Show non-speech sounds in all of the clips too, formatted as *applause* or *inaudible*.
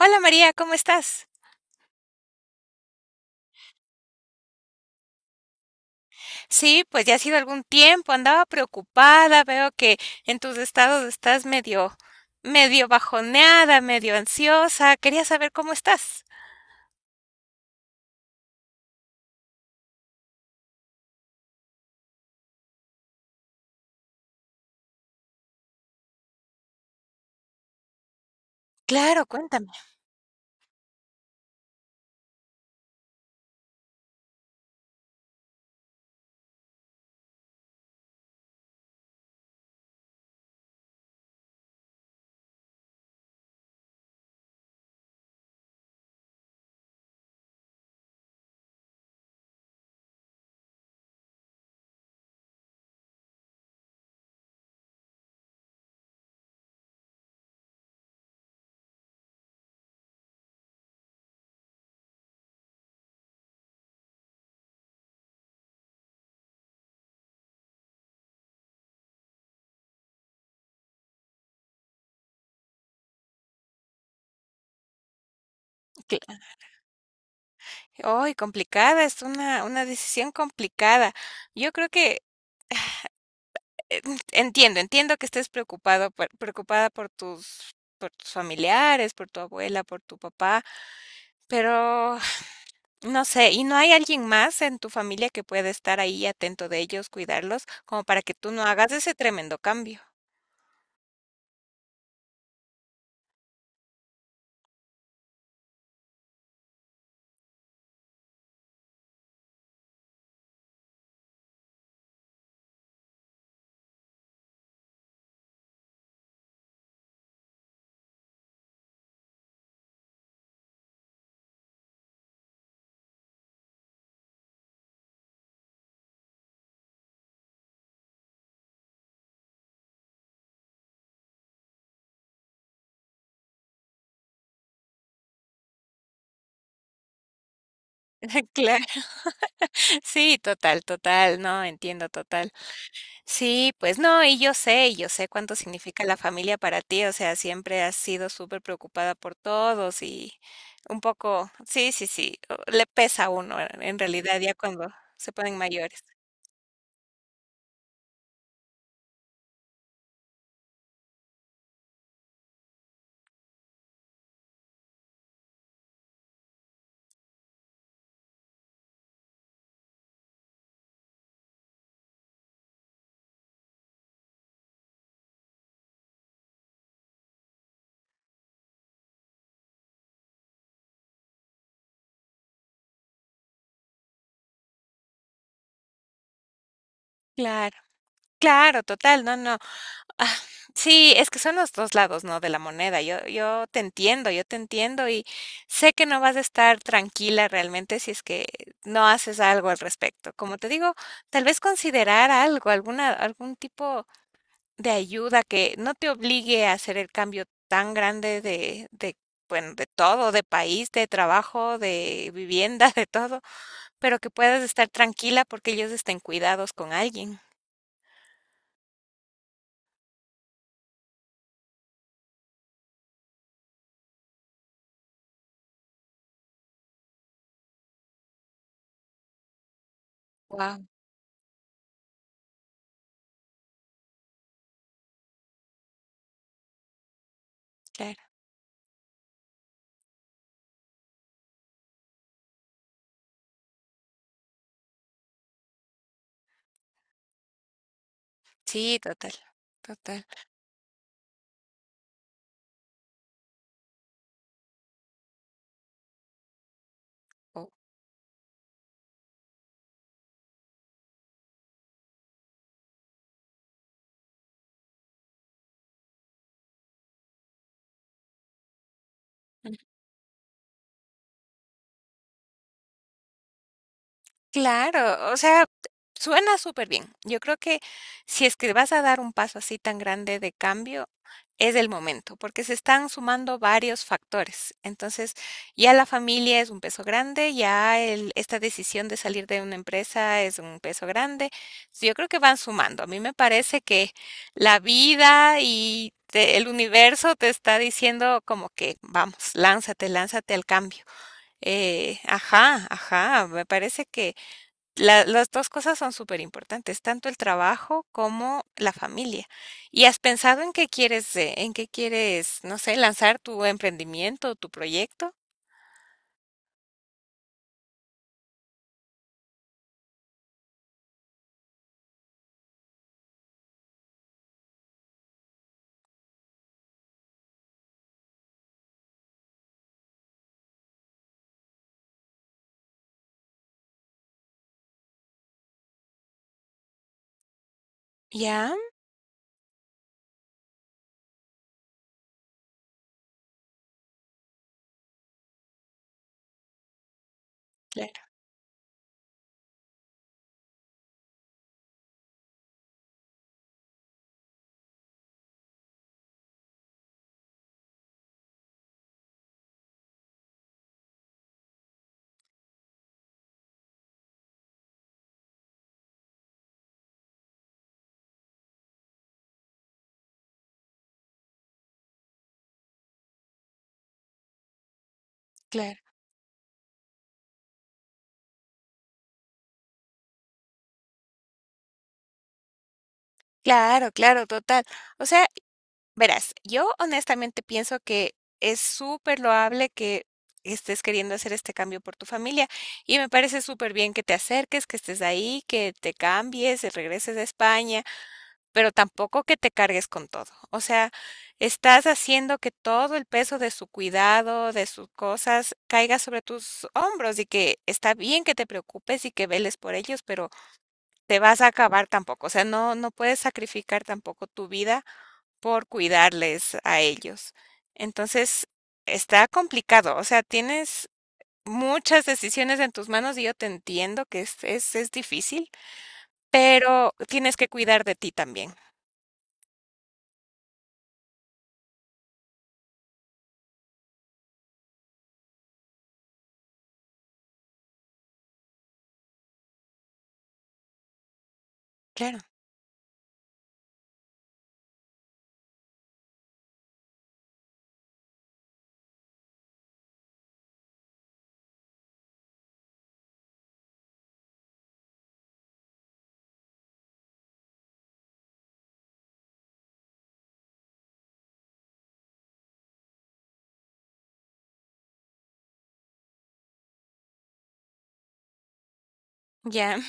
Hola María, ¿cómo estás? Sí, pues ya ha sido algún tiempo, andaba preocupada, veo que en tus estados estás medio, medio bajoneada, medio ansiosa, quería saber cómo estás. Claro, cuéntame. Cl- Ay, complicada, es una decisión complicada. Yo creo que eh, entiendo que estés preocupado, preocupada por tus familiares, por tu abuela, por tu papá, pero no sé, ¿y no hay alguien más en tu familia que pueda estar ahí atento de ellos, cuidarlos, como para que tú no hagas ese tremendo cambio? *laughs* Claro, sí, total, total, no, entiendo total. Sí, pues no, y yo sé cuánto significa la familia para ti, o sea, siempre has sido súper preocupada por todos y un poco, sí, sí, sí, le pesa a uno en realidad ya cuando se ponen mayores. Claro, claro, total, no, no. Ah, sí, es que son los 2 lados, ¿no?, de la moneda. Yo te entiendo, yo te entiendo, y sé que no vas a estar tranquila realmente si es que no haces algo al respecto. Como te digo, tal vez considerar algo, alguna algún tipo de ayuda que no te obligue a hacer el cambio tan grande de, bueno, de todo, de país, de trabajo, de vivienda, *laughs* de todo, pero que puedas estar tranquila porque ellos estén cuidados con alguien. Wow, claro. Sí, total, total. Oh, claro, o sea, suena súper bien. Yo creo que si es que vas a dar un paso así tan grande de cambio, es el momento, porque se están sumando varios factores. Entonces, ya la familia es un peso grande, ya esta decisión de salir de una empresa es un peso grande. So, yo creo que van sumando. A mí me parece que la vida y el universo te está diciendo como que, vamos, lánzate, lánzate al cambio. Ajá, ajá, me parece que las dos cosas son súper importantes, tanto el trabajo como la familia. ¿Y has pensado en qué quieres, no sé, lanzar tu emprendimiento, tu proyecto? Ya, claro, claro, claro, claro, total. O sea, verás, yo honestamente pienso que es súper loable que estés queriendo hacer este cambio por tu familia y me parece súper bien que te acerques, que estés ahí, que te cambies, regreses a España, pero tampoco que te cargues con todo. O sea, estás haciendo que todo el peso de su cuidado, de sus cosas, caiga sobre tus hombros y que está bien que te preocupes y que veles por ellos, pero te vas a acabar tampoco. O sea, no, no puedes sacrificar tampoco tu vida por cuidarles a ellos. Entonces, está complicado, o sea, tienes muchas decisiones en tus manos y yo te entiendo que es difícil, pero tienes que cuidar de ti también. Claro, ya.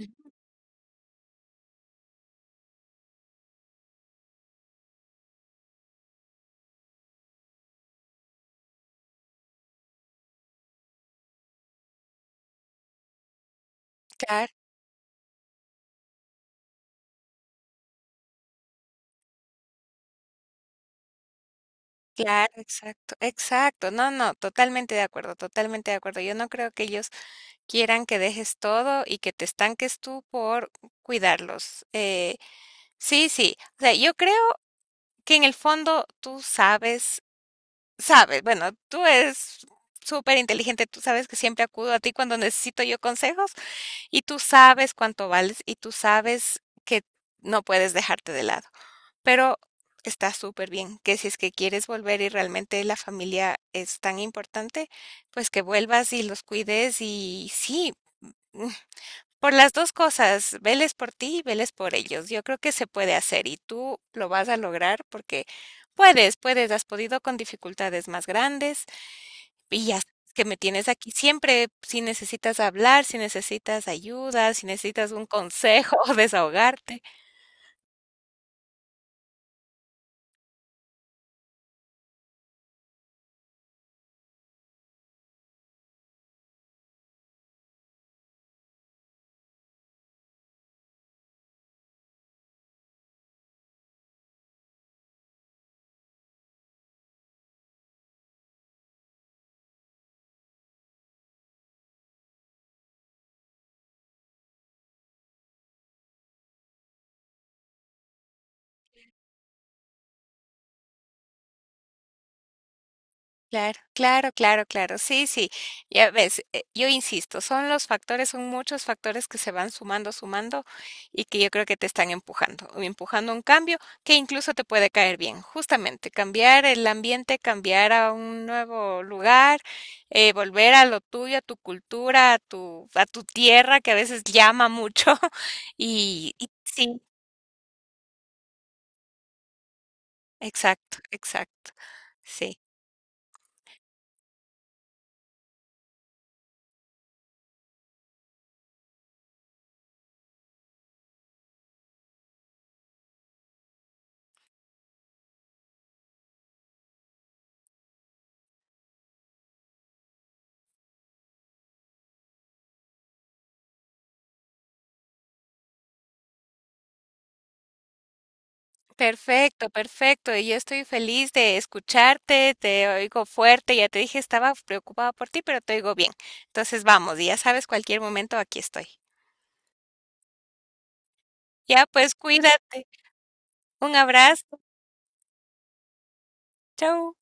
Mm. Claro, claro, exacto, exacto. No, no, totalmente de acuerdo, totalmente de acuerdo. Yo no creo que ellos quieran que dejes todo y que te estanques tú por cuidarlos. Sí, sí. O sea, yo creo que en el fondo tú sabes, sabes, bueno, tú eres súper inteligente, tú sabes que siempre acudo a ti cuando necesito yo consejos y tú sabes cuánto vales y tú sabes que no puedes dejarte de lado. Pero está súper bien que si es que quieres volver y realmente la familia es tan importante, pues que vuelvas y los cuides y sí. *laughs* Por las 2 cosas, veles por ti y veles por ellos. Yo creo que se puede hacer y tú lo vas a lograr porque puedes, puedes, has podido con dificultades más grandes y ya sabes que me tienes aquí siempre, si necesitas hablar, si necesitas ayuda, si necesitas un consejo, *laughs* o desahogarte. Claro, claro, claro, claro. Sí, sí. Ya ves, yo insisto, son los factores, son muchos factores que se van sumando, sumando y que yo creo que te están empujando, empujando a un cambio que incluso te puede caer bien. Justamente, cambiar el ambiente, cambiar a un nuevo lugar, volver a lo tuyo, a tu cultura, a tu tierra que a veces llama mucho. *laughs* Y, y sí, exacto, exacto. Sí. Perfecto, perfecto. Y yo estoy feliz de escucharte, te oigo fuerte, ya te dije, estaba preocupada por ti, pero te oigo bien. Entonces vamos, y ya sabes, cualquier momento aquí estoy. Ya, pues cuídate. Un abrazo. Chau.